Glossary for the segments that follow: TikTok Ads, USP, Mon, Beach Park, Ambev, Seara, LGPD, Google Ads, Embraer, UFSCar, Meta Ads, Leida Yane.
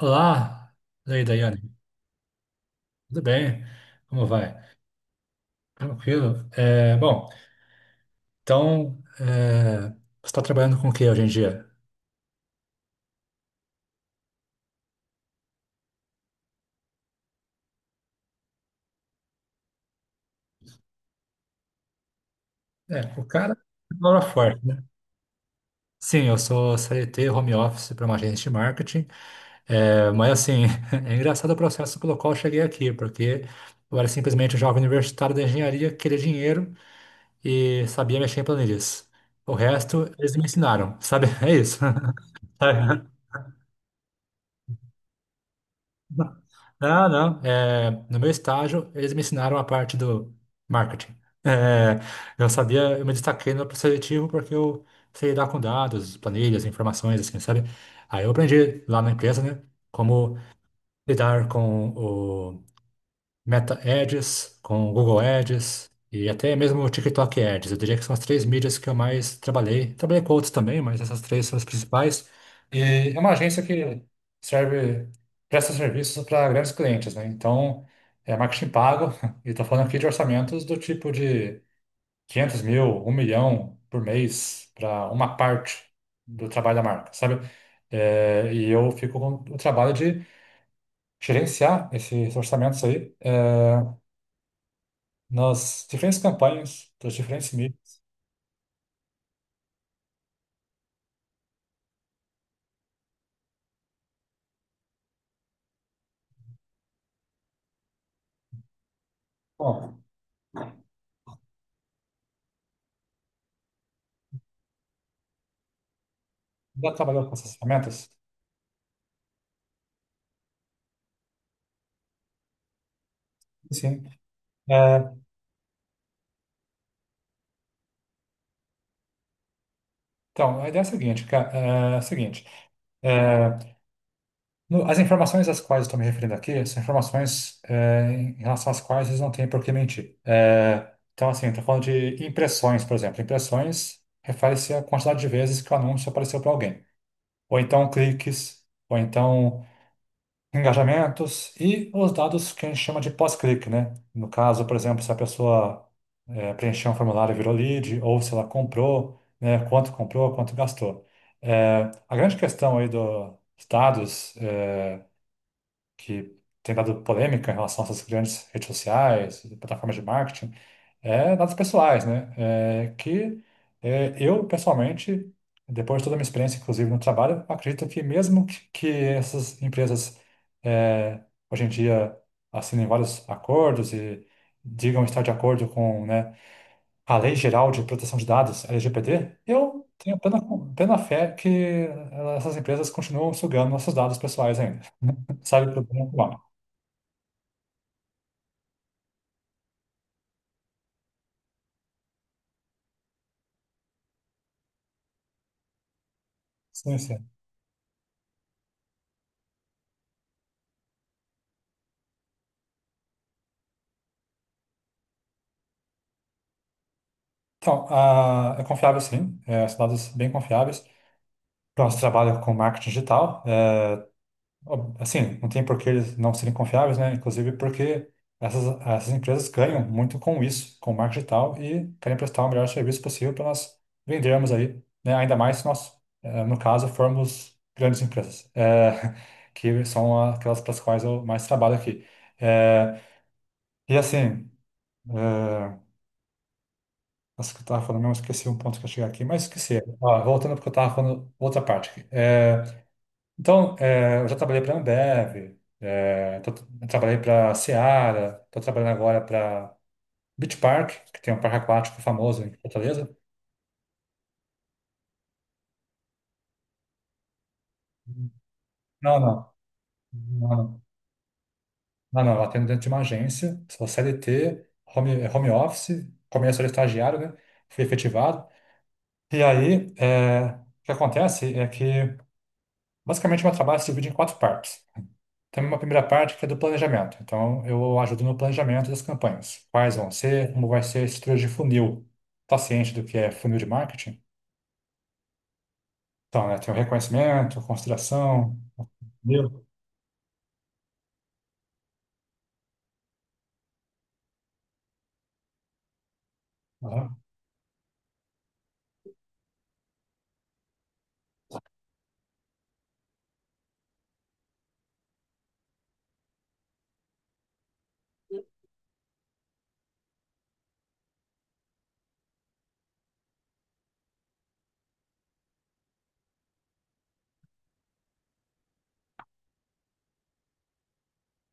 Olá, Leida Yane. Tudo bem? Como vai? Tranquilo? Bom, então, você está trabalhando com o que hoje em dia? O cara trabalha forte, né? Sim, eu sou CLT home office para uma agência de marketing, mas assim, é engraçado o processo pelo qual eu cheguei aqui, porque eu era simplesmente um jovem universitário da engenharia, que queria dinheiro e sabia mexer em planilhas. O resto, eles me ensinaram, sabe? É isso. Não, não. No meu estágio, eles me ensinaram a parte do marketing. É, eu sabia, eu me destaquei no processo seletivo porque eu sei lidar com dados, planilhas, informações, assim, sabe? Aí eu aprendi lá na empresa, né, como lidar com Meta Ads, com Google Ads e até mesmo o TikTok Ads. Eu diria que são as três mídias que eu mais trabalhei. Trabalhei com outros também, mas essas três são as principais. E é uma agência que serve, presta serviços para grandes clientes, né? Então, é marketing pago e estou falando aqui de orçamentos do tipo de 500 mil, um milhão por mês para uma parte do trabalho da marca, sabe? E eu fico com o trabalho de gerenciar esses orçamentos nas diferentes campanhas dos diferentes mídias. Bom, já trabalhou com essas ferramentas? Sim. É, então, a ideia é a seguinte, é a seguinte é, as informações às quais eu estou me referindo aqui são informações em relação às quais eles não têm por que mentir. Então, assim, estou falando de impressões, por exemplo. Impressões refere-se à quantidade de vezes que o anúncio apareceu para alguém. Ou então cliques, ou então engajamentos e os dados que a gente chama de pós-clique, né? No caso, por exemplo, se a pessoa preencheu um formulário e virou lead, ou se ela comprou, né? Quanto comprou, quanto gastou. A grande questão aí dos dados, que tem dado polêmica em relação a essas grandes redes sociais, plataformas de marketing, é dados pessoais, né? Eu, pessoalmente, depois de toda a minha experiência, inclusive no trabalho, acredito que mesmo que essas empresas é, hoje em dia assinem vários acordos e digam estar de acordo com, né, a Lei Geral de Proteção de Dados, LGPD, eu tenho plena, plena fé que essas empresas continuam sugando nossos dados pessoais ainda. Sabe? Por bem ou por mal. Sim, sim. Então, é confiável sim, são dados bem confiáveis. Pronto, trabalha com marketing digital. Assim, não tem por que eles não serem confiáveis, né? Inclusive porque essas empresas ganham muito com isso, com o marketing digital, e querem prestar o melhor serviço possível para nós vendermos aí, né? Ainda mais se nós, no caso, formos grandes empresas, que são aquelas para as quais eu mais trabalho aqui. É, e assim, é, acho que eu estava falando, mesmo esqueci um ponto que eu cheguei aqui, mas esqueci. Ó, voltando porque eu estava falando outra parte aqui. Então, eu já trabalhei para a Ambev, trabalhei para a Seara, estou trabalhando agora para Beach Park, que tem um parque aquático famoso em Fortaleza. Não, não, não, não, não, não, eu atendo dentro de uma agência, sou CLT, home office, começo era estagiário, né? Fui efetivado. E aí, o que acontece é que, basicamente, meu trabalho se divide em quatro partes. Tem uma primeira parte que é do planejamento. Então, eu ajudo no planejamento das campanhas. Quais vão ser, como vai ser a estrutura de funil. Está ciente do que é funil de marketing? Então, né, tem o reconhecimento, consideração. Entendeu? Aham.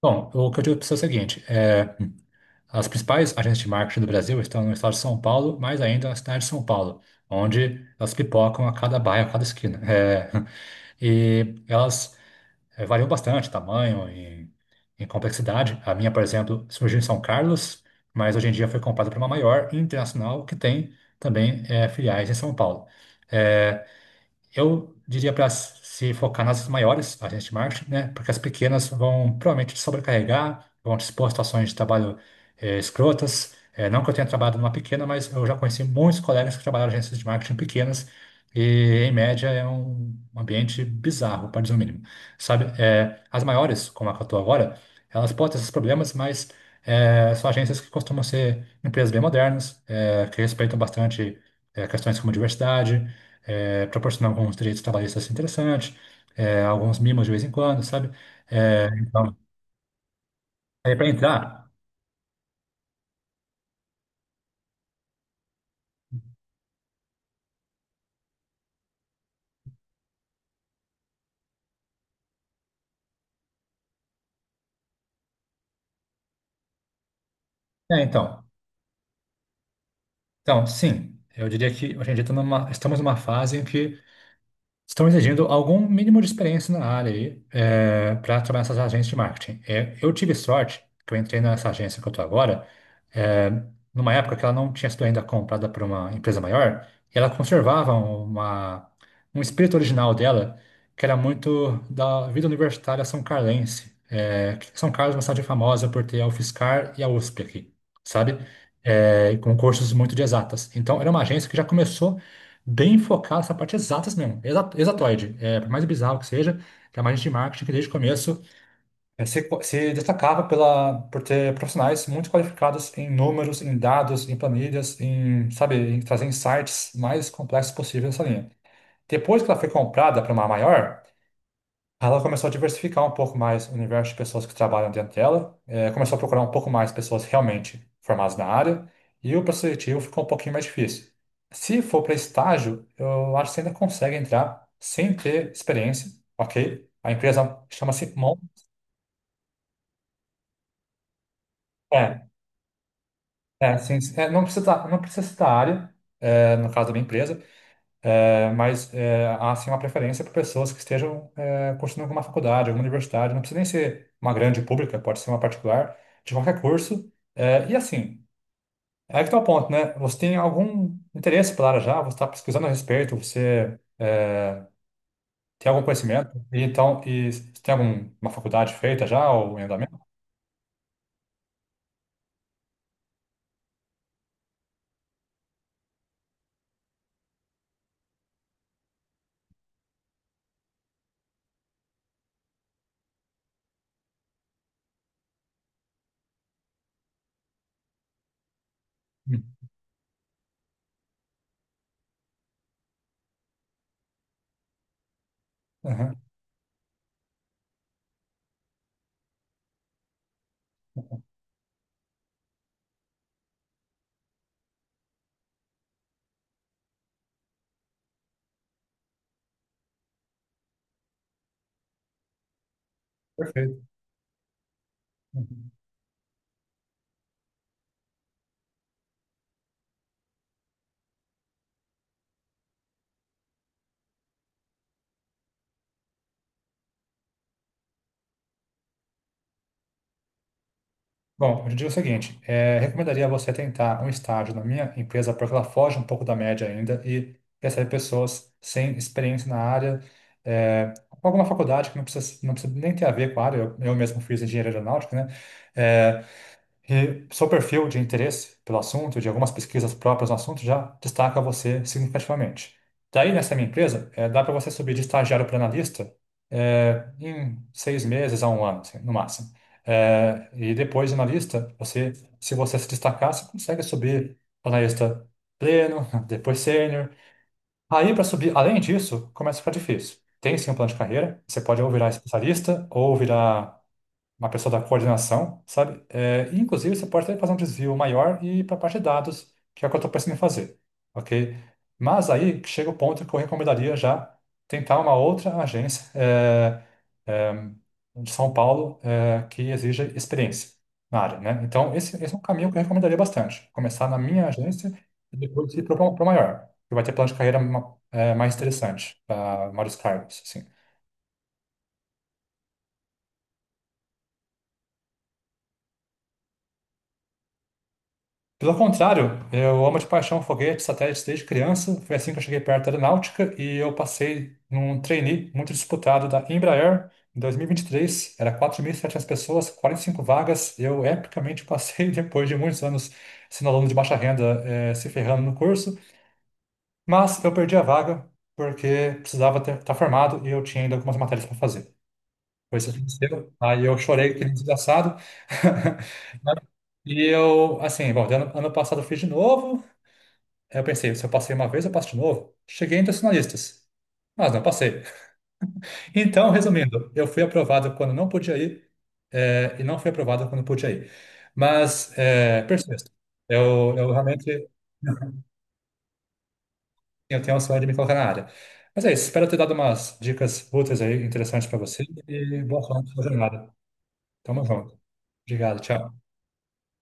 Bom, o que eu digo para você é o seguinte: as principais agências de marketing do Brasil estão no estado de São Paulo, mais ainda na cidade de São Paulo, onde elas pipocam a cada bairro, a cada esquina. E elas variam bastante, tamanho e complexidade. A minha, por exemplo, surgiu em São Carlos, mas hoje em dia foi comprada por uma maior internacional que tem também filiais em São Paulo. É, eu diria para se focar nas maiores, agências de marketing, né? Porque as pequenas vão provavelmente te sobrecarregar, vão te expor a situações de trabalho escrotas. Não que eu tenha trabalhado numa pequena, mas eu já conheci muitos colegas que trabalharam em agências de marketing pequenas e, em média, é um ambiente bizarro, para dizer o mínimo. Sabe? As maiores, como a que eu estou agora, elas podem ter esses problemas, mas são agências que costumam ser empresas bem modernas, que respeitam bastante questões como diversidade, proporcionar alguns direitos trabalhistas assim interessantes, alguns mimos de vez em quando, sabe? É, então, é para entrar. Então, sim, eu diria que hoje em dia estamos numa fase em que estão exigindo algum mínimo de experiência na área aí, para trabalhar nessas agências de marketing. É, eu tive sorte que eu entrei nessa agência que eu estou agora, é, numa época que ela não tinha sido ainda comprada por uma empresa maior, e ela conservava uma, um espírito original dela, que era muito da vida universitária são carlense. Que São Carlos é uma cidade famosa por ter a UFSCar e a USP aqui, sabe? E com cursos muito de exatas. Então, era uma agência que já começou bem focado essa parte exatas mesmo, exatoide. É, por mais bizarro que seja, tem uma gente de marketing que desde o começo se destacava pela, por ter profissionais muito qualificados em números, em dados, em planilhas, em, sabe, em trazer insights mais complexos possíveis nessa linha. Depois que ela foi comprada para uma maior, ela começou a diversificar um pouco mais o universo de pessoas que trabalham dentro dela, começou a procurar um pouco mais pessoas realmente formadas na área, e o processo seletivo ficou um pouquinho mais difícil. Se for para estágio, eu acho que você ainda consegue entrar sem ter experiência, ok? A empresa chama-se Mon. É, é, sim, sim. Não precisa, não precisa citar a área, no caso da minha empresa, mas há sim uma preferência por pessoas que estejam cursando alguma faculdade, alguma universidade, não precisa nem ser uma grande pública, pode ser uma particular, de qualquer curso. E assim, é que está o ponto, né? Você tem algum interesse pela área já, você está pesquisando a respeito, tem algum conhecimento, e então, e você tem alguma faculdade feita já, ou em andamento? Hum. Aham. Perfeito. Uhum. Bom, eu te digo o seguinte, recomendaria você tentar um estágio na minha empresa, porque ela foge um pouco da média ainda e recebe pessoas sem experiência na área, com alguma faculdade que não precisa, não precisa nem ter a ver com a área, eu mesmo fiz engenharia aeronáutica, né? É, e seu perfil de interesse pelo assunto, de algumas pesquisas próprias no assunto, já destaca você significativamente. Daí, nessa minha empresa, dá para você subir de estagiário para analista em 6 meses a um ano, assim, no máximo. E depois de analista, você se destacar, você consegue subir para analista pleno, depois sênior. Aí, para subir, além disso, começa a ficar difícil. Tem sim um plano de carreira, você pode ou virar especialista ou virar uma pessoa da coordenação, sabe? É, e, inclusive, você pode até fazer um desvio maior e ir para a parte de dados, que é o que eu estou pensando em fazer, ok? Mas aí chega o ponto que eu recomendaria já tentar uma outra agência é, de São Paulo, que exija experiência na área, né? Então, esse é um caminho que eu recomendaria bastante. Começar na minha agência e depois ir para o maior, que vai ter plano de carreira mais interessante para vários cargos, assim. Pelo contrário, eu amo de paixão foguetes, satélites desde criança. Foi assim que eu cheguei perto da aeronáutica e eu passei num trainee muito disputado da Embraer em 2023. Era 4.700 pessoas, 45 vagas. Eu epicamente passei depois de muitos anos sendo aluno de baixa renda, se ferrando no curso, mas eu perdi a vaga porque precisava estar formado e eu tinha ainda algumas matérias para fazer. Foi isso que aconteceu. Aí eu chorei que nem desgraçado. E eu, assim, bom, ano passado eu fiz de novo, aí eu pensei, se eu passei uma vez, eu passo de novo. Cheguei entre os finalistas, mas não passei. Então, resumindo, eu fui aprovado quando não podia ir, e não fui aprovado quando podia ir. Mas, é, persisto. Eu realmente eu tenho um sonho de me colocar na área. Mas é isso, espero ter dado umas dicas úteis aí, interessantes para você, e boa sorte na sua jornada. Tamo junto. Obrigado, tchau.